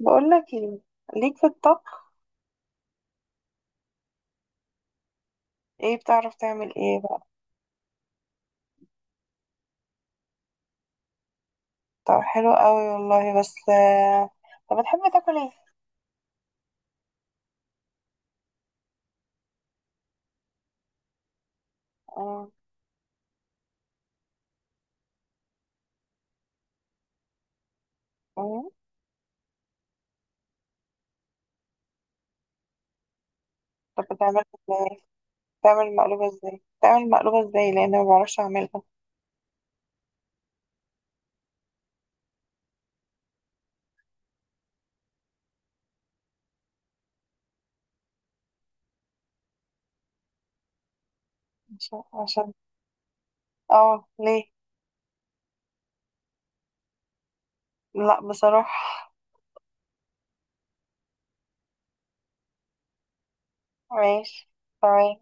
بقول لك ايه، ليك في الطبخ؟ ايه بتعرف تعمل ايه بقى؟ طب حلو قوي والله. بس طب بتحب تاكل ايه؟ آه، آه. طب بتعمل ازاي؟ بتعمل مقلوبة ازاي لان ما بعرفش اعملها. عشان. اه ليه؟ لا بصراحة. ماشي. تمام.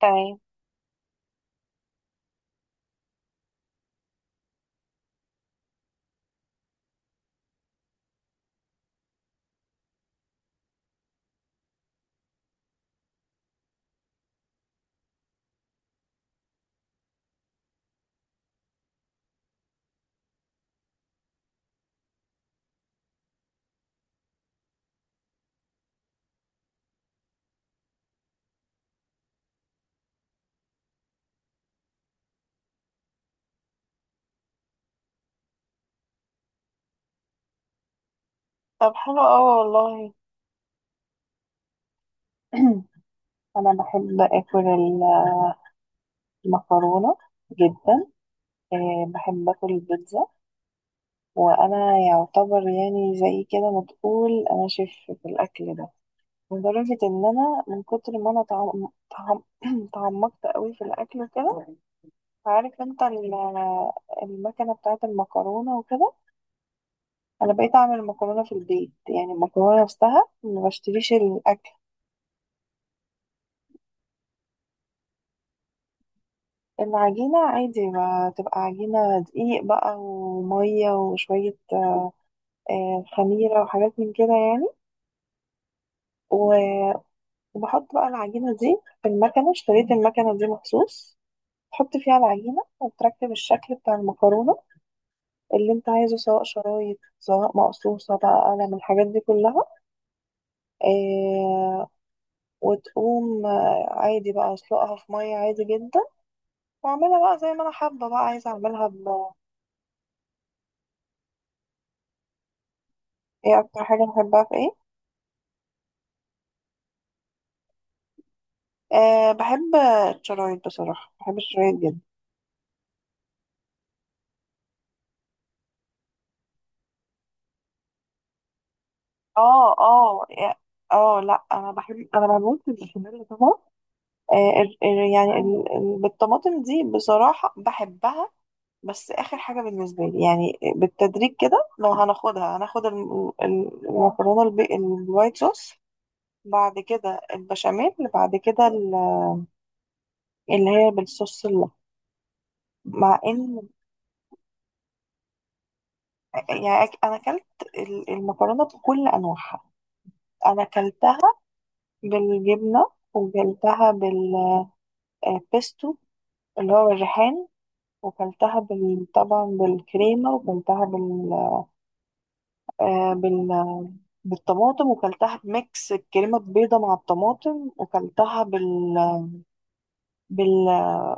تمام. طب حلو قوي والله. انا بحب اكل المكرونة جدا. بحب اكل البيتزا، وانا يعتبر يعني زي كده ما تقول انا شيف في الاكل ده، لدرجه ان انا من كتر ما انا تعمقت قوي في الاكل وكده. عارف انت المكنه بتاعه المكرونه وكده، انا بقيت اعمل مكرونه في البيت، يعني المكرونه نفسها ما بشتريش الاكل. العجينه عادي ما تبقى عجينه دقيق بقى وميه وشويه خميره وحاجات من كده يعني. وبحط بقى العجينة دي في المكنة، اشتريت المكنة دي مخصوص تحط فيها العجينة وتركب الشكل بتاع المكرونة اللي انت عايزه، سواء شرايط سواء مقصوصة بقى قلم، الحاجات دي كلها. اه. وتقوم عادي بقى اسلقها في مية عادي جدا، واعملها بقى زي ما انا حابة بقى، عايزة اعملها ب... ايه اكتر حاجة بحبها في ايه؟ اه بحب الشرايط، بصراحة بحب الشرايط جدا. اه. اه. اه لا، انا بموت في البشاميل طبعا. يعني بالطماطم دي بصراحة بحبها. بس آخر حاجة بالنسبة لي يعني بالتدريج كده، لو هناخدها هناخد المكرونة الوايت صوص، بعد كده البشاميل، بعد كده اللي هي بالصوص اللحم، مع ان... يعني انا اكلت المكرونة بكل انواعها. انا اكلتها بالجبنة، وكلتها بالبيستو اللي هو الريحان طبعا بالكريمة، وكلتها بال آه، بال بالطماطم، وكلتها بميكس الكريمة البيضة مع الطماطم، وكلتها بال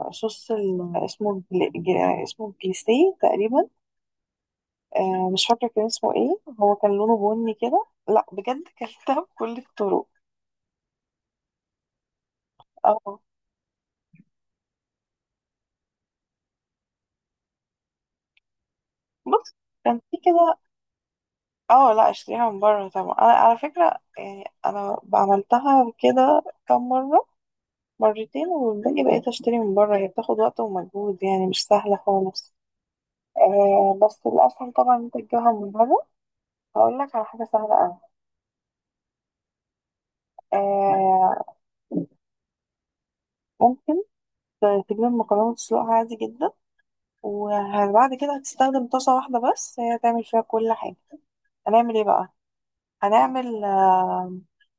بالصوص ال... اسمه بل... ج- اسمه بليسيه تقريبا. آه مش فاكرة كان اسمه ايه، هو كان لونه بني كده، لا بجد كلتها بكل الطرق. اه بص، كان في كده. اه لا اشتريها من بره طبعا، انا على فكرة يعني انا عملتها كده كم مرة، مرتين، والباقي بقيت اشتري من بره، هي بتاخد وقت ومجهود يعني مش سهلة خالص. آه بس الأسهل طبعا إن أنت تجيبها من بره. هقول لك على حاجة سهلة أوي. آه. ممكن تجيب المكرونة تسلقها عادي جدا، وبعد كده هتستخدم طاسة واحدة بس، هي هتعمل فيها كل حاجة. هنعمل ايه بقى؟ هنعمل آه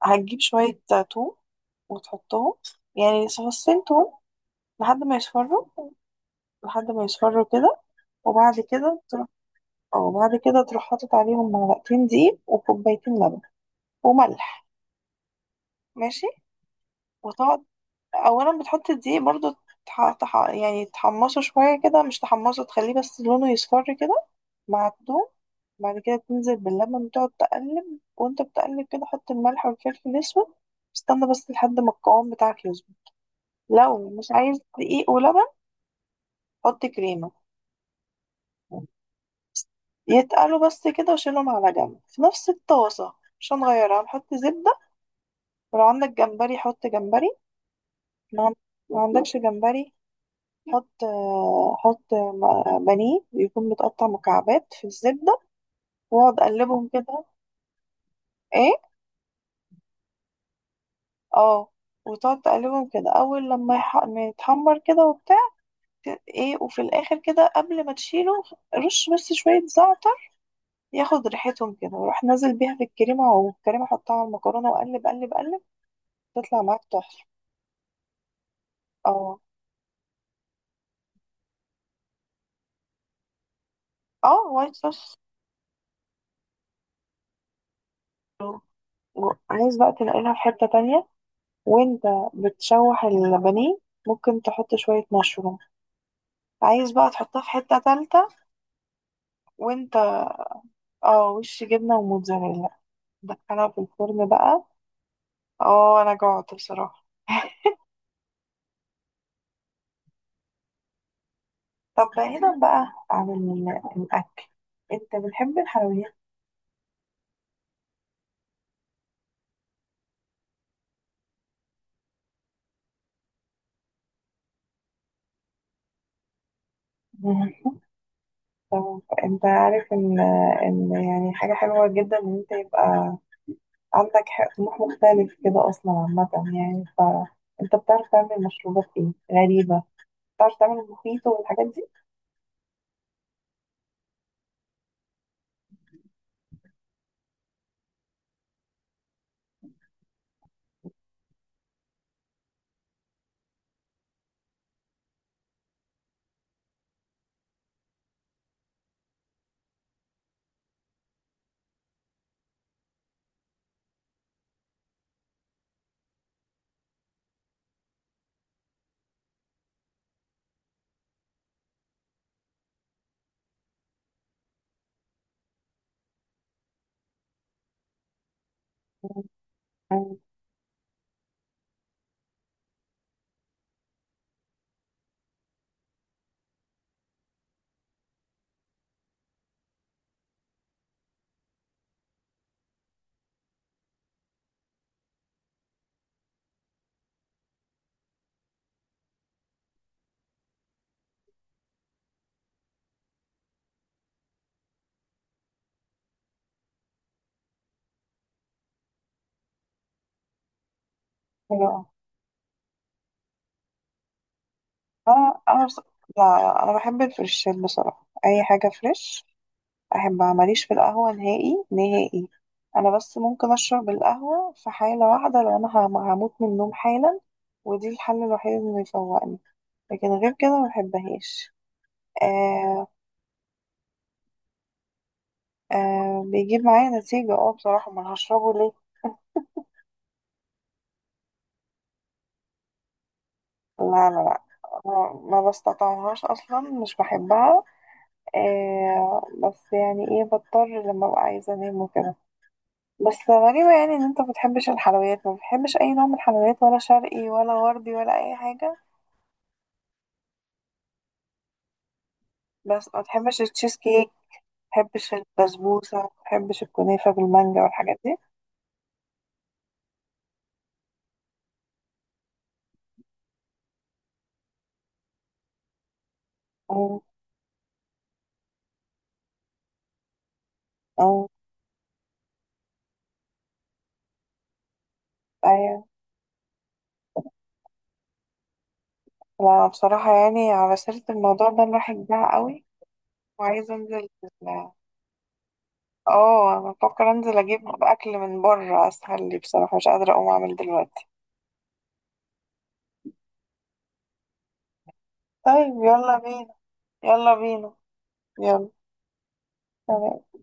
هتجيب شوية توم وتحطهم، يعني فصين توم، لحد ما يصفروا. لحد ما يصفروا كده، وبعد كده تروح. اه بعد كده تروح حاطط عليهم معلقتين دقيق وكوبايتين لبن وملح. ماشي. وتقعد، اولا بتحط الدقيق برضو، يعني تحمصه شوية كده، مش تحمصه، تخليه بس لونه يصفر كده مع الثوم. بعد كده تنزل باللبن وتقعد تقلب، وانت بتقلب كده حط الملح والفلفل الاسود. استنى بس لحد ما القوام بتاعك يظبط. لو مش عايز دقيق ولبن، حط كريمة. يتقلوا بس كده وشيلهم على جنب في نفس الطاسة، مش هنغيرها، هنحط زبدة. ولو عندك جمبري حط جمبري، لو عن- ما عندكش جمبري، حط حط بانيه يكون متقطع مكعبات في الزبدة، واقعد اقلبهم كده. ايه. اه وتقعد تقلبهم كده، اول ما يتحمر كده وبتاع. ايه، وفي الاخر كده قبل ما تشيله رش بس شوية زعتر ياخد ريحتهم كده، وروح نازل بيها في الكريمة، والكريمة حطها على المكرونة وقلب قلب قلب، تطلع معاك تحفة. اه. اه وايت صوص. عايز بقى تنقلها في حتة تانية وانت بتشوح البانيه، ممكن تحط شوية مشروم. عايز بقى تحطها في حتة تالتة وانت... اه وش جبنة وموتزاريلا، دخلها في الفرن بقى. اه انا جوعت بصراحة طب بعيدا بقى عن الأكل، انت بتحب الحلويات؟ مم. انت عارف ان يعني حاجة حلوة جدا ان انت يبقى عندك طموح مختلف كده اصلا عامة، يعني انت بتعرف تعمل مشروبات ايه غريبة؟ بتعرف تعمل المخيط والحاجات دي؟ اه. اه انا لا انا بحب الفريشين بصراحه، اي حاجه فريش احبها، ماليش في القهوه نهائي نهائي. انا بس ممكن اشرب القهوه في حاله واحده، لو انا هموت من النوم حالا، ودي الحل الوحيد اللي بيفوقني، لكن غير كده ما بحبهاش. آه، بيجيب معايا نتيجة، اه بصراحة ما أنا هشربه ليه. لا لا لا. ما بستطعمهاش اصلا مش بحبها. بس يعني ايه بضطر لما ابقى عايزة انام وكده. بس غريبة يعني ان انت ما بتحبش الحلويات، ما بتحبش اي نوع من الحلويات، ولا شرقي ولا غربي ولا اي حاجة؟ بس ما بتحبش التشيز كيك؟ ما بتحبش البسبوسة، ما بتحبش الكنافة بالمانجا والحاجات دي؟ اه. اه. ايوه. لا بصراحة، يعني على سيرة الموضوع ده الواحد جاع قوي وعايزة انزل. آه، اه انا بفكر انزل اجيب اكل من بره، اسهل لي بصراحه، مش قادره اقوم اعمل دلوقتي. طيب يلا بينا. يلا بينا. يلا. تمام.